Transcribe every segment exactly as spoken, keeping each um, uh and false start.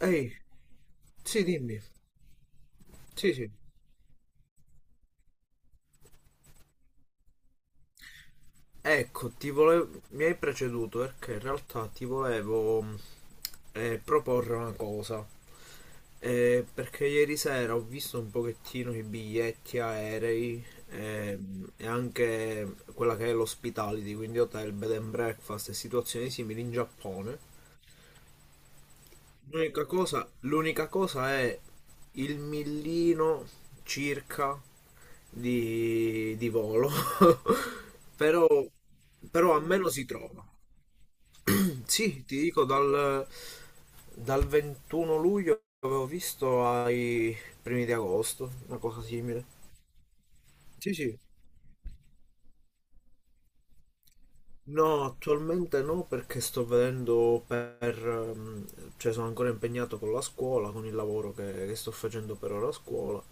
Ehi, sì, dimmi. Sì, sì. Ecco, ti volevo... mi hai preceduto perché in realtà ti volevo mh, eh, proporre una cosa. Eh, perché ieri sera ho visto un pochettino i biglietti aerei, ehm, e anche quella che è l'hospitality, quindi hotel, bed and breakfast e situazioni simili in Giappone. L'unica cosa, l'unica cosa è il millino circa di, di volo, però, però a meno si trova. Sì, ti dico, dal, dal ventuno luglio avevo visto ai primi di agosto, una cosa simile. Sì, sì. No, attualmente no perché sto vedendo per... ehm, cioè sono ancora impegnato con la scuola, con il lavoro che, che sto facendo per ora a scuola,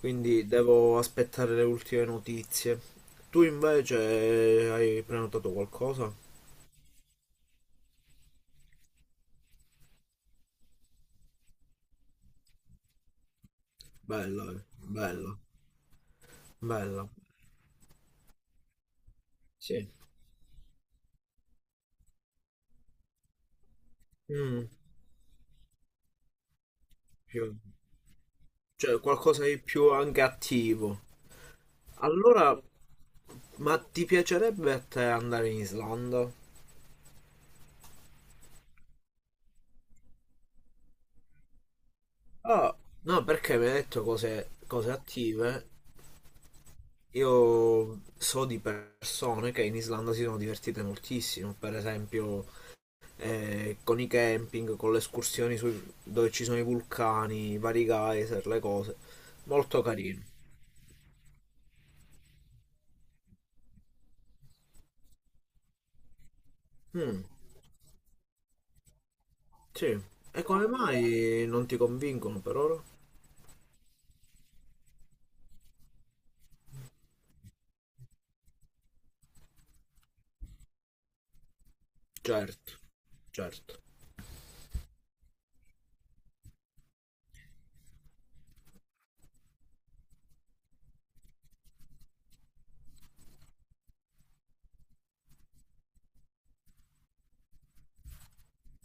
quindi devo aspettare le ultime notizie. Tu invece eh, hai prenotato qualcosa? Bella, eh, bella, bella, sì. Mm, più- Cioè qualcosa di più anche attivo. Allora, ma ti piacerebbe a te andare in Islanda? Ah, no, perché mi hai detto cose, cose attive. Io so di persone che in Islanda si sono divertite moltissimo, per esempio eh, con i camping, con le escursioni sui- dove ci sono i vulcani, i vari geyser, le cose. Molto carino. Mm, sì. E come mai non ti convincono per ora? Certo, certo,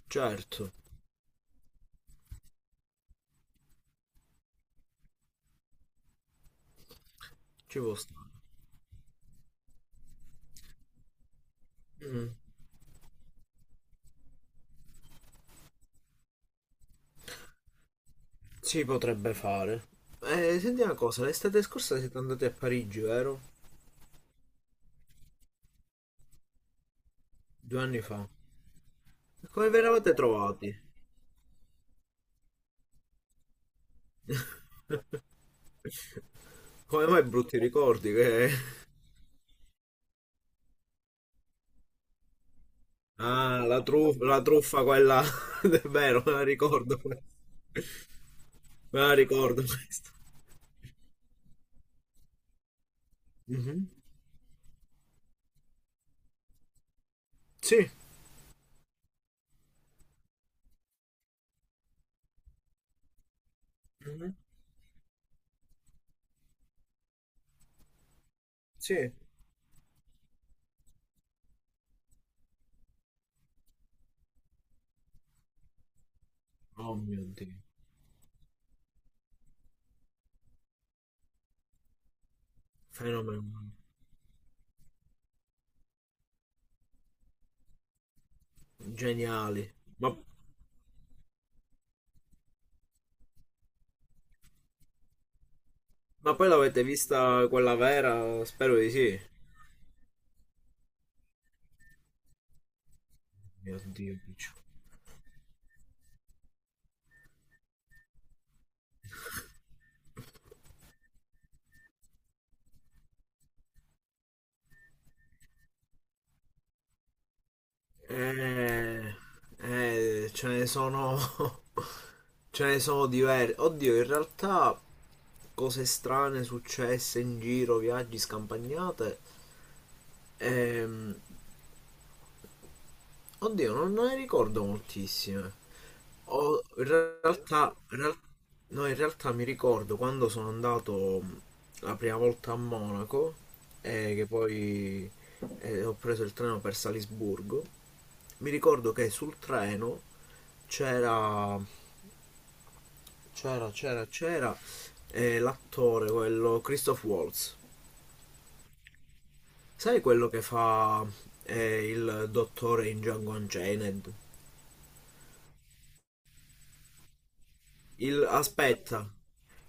certo, ci può stare. Mm, si potrebbe fare. Eh, senti una cosa, l'estate scorsa siete andati a Parigi, vero? Due anni fa. Come vi eravate trovati? Come mai brutti ricordi che... Ah, la truffa, la truffa quella... È vero, me la ricordo questa. Me la ricordo questa. Mhm. Sì. Mhm. Sì. Oh mio Dio. Fenomeno. Geniali. Ma, ma poi l'avete vista quella vera? Spero di sì. Mio Dio, piccio. Eh, eh, ce ne sono. Ce ne sono diverse. Oddio, in realtà cose strane successe in giro, viaggi, scampagnate. Ehm, oddio, non ne ricordo moltissime. Ho- in realtà, in real- no, in realtà mi ricordo quando sono andato la prima volta a Monaco e che poi eh, ho preso il treno per Salisburgo. Mi ricordo che sul treno c'era c'era c'era c'era eh, l'attore, quello Christoph Waltz. Sai, quello che fa, eh, il dottore in Django Unchained. Il Aspetta,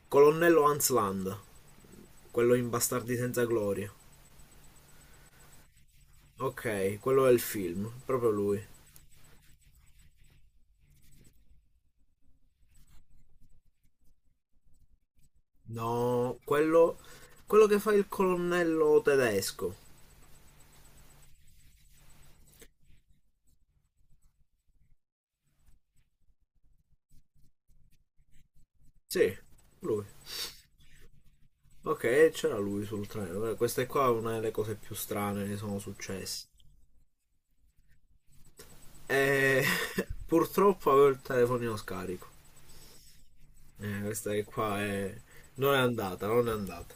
colonnello Hans Land, quello in Bastardi senza gloria. Ok, quello è il film, proprio lui. No, quello, quello che fa il colonnello tedesco. Sì, lui. Ok, c'era lui sul treno. Eh, questa è qua è una delle cose più strane che sono successe. Eh, purtroppo avevo il telefonino scarico. Eh, questa che qua è... non è andata, non è andata.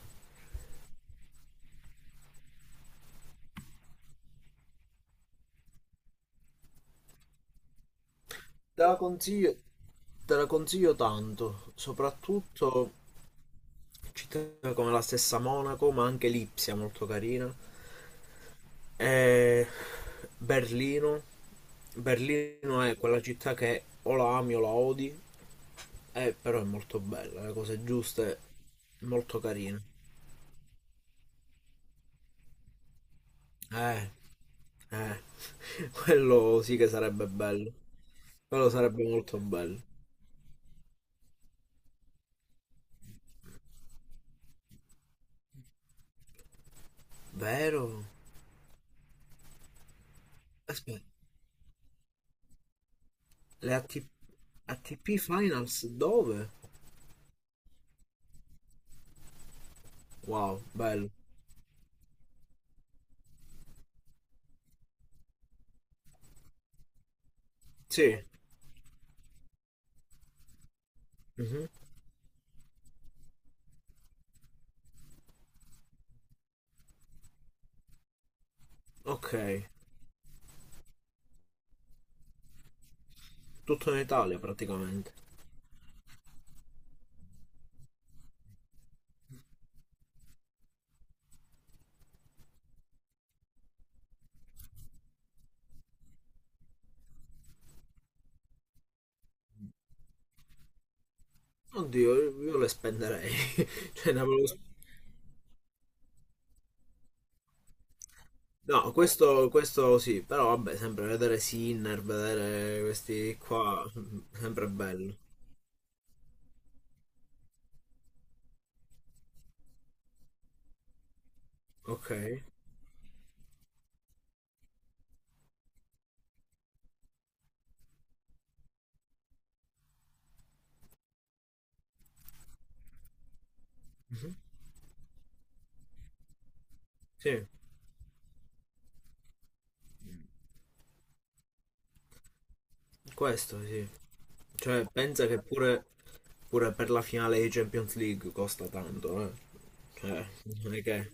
Te la consiglio, te la consiglio tanto, soprattutto città come la stessa Monaco, ma anche Lipsia molto carina. Eh, Berlino. Berlino è quella città che o la ami o la odi, eh, però è molto bella, le cose giuste, molto carine. Eh, Eh, quello sì che sarebbe bello. Quello sarebbe molto bello. Vero? Aspetta, le A T- A T P Finals dove? Wow, bello. Sì. Mhm, ok, tutto in Italia praticamente. Oddio, io io le spenderei. Cioè, ne avevo... No, questo, questo sì, però vabbè, sempre vedere Sinner, vedere questi qua, sempre bello. Ok. Mhm. Sì, questo sì. Cioè, pensa che pure, pure per la finale di Champions League costa tanto, eh. Cioè, non è che...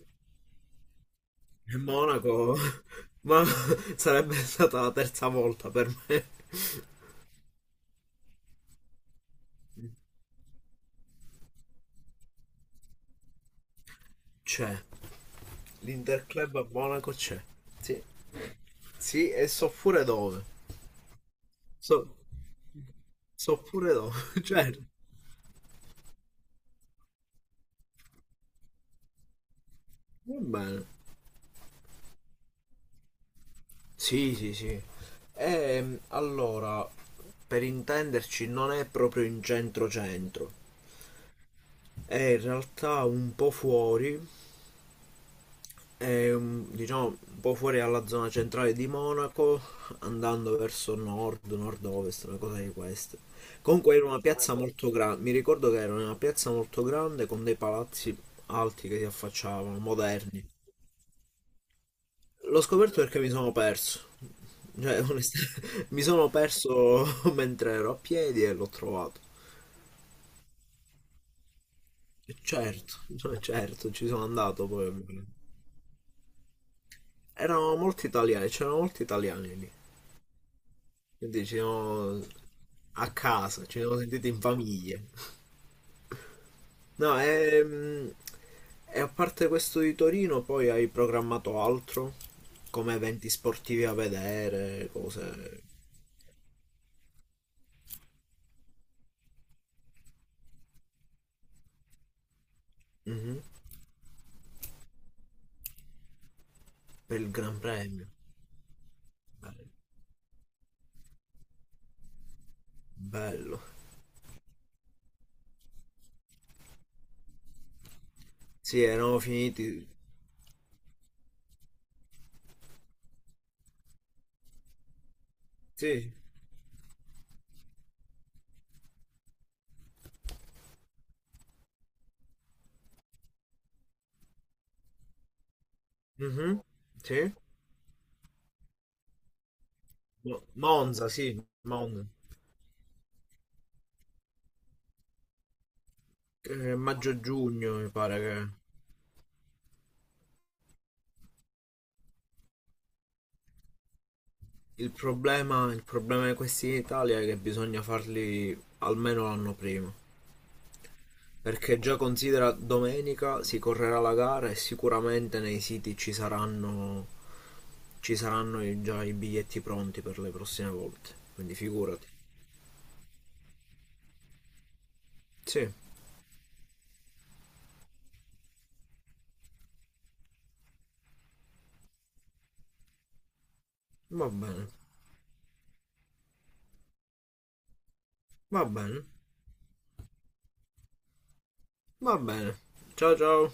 E Monaco... Ma sarebbe stata la terza volta per me. C'è. L'Interclub a Monaco c'è. Sì. Sì, e so pure dove. So, so pure dove. Cioè, va bene. Sì, sì, sì. E allora, per intenderci, non è proprio in centro centro. È in realtà un po' fuori, è un- diciamo un po' fuori dalla zona centrale di Monaco, andando verso nord, nord-ovest, una cosa di queste. Comunque era una piazza molto grande, mi ricordo che era una piazza molto grande con dei palazzi alti che si affacciavano, moderni. L'ho scoperto perché mi sono perso. Cioè, onestamente, mi sono perso mentre ero a piedi e l'ho trovato. E Certo, cioè, certo, ci sono andato poi. ovviamente. Erano molti italiani, c'erano molti italiani lì, quindi ci siamo a casa, ci siamo sentiti in famiglia. No, ehm, e, a parte questo di Torino, poi hai programmato altro, come eventi sportivi a vedere, cose Mhm. Per il Gran Premio. Bello. Bello. Sì, erano finiti. Sì. Mhm. Sì. Mo- Monza, sì, Monza. Eh, maggio-giugno mi pare Il problema, il problema di questi in Italia è che bisogna farli almeno l'anno prima. Perché già considera domenica si correrà la gara e sicuramente nei siti ci saranno, ci saranno i- già i biglietti pronti per le prossime volte. Quindi figurati. Sì, va bene. Va bene. Va bene. Ciao ciao.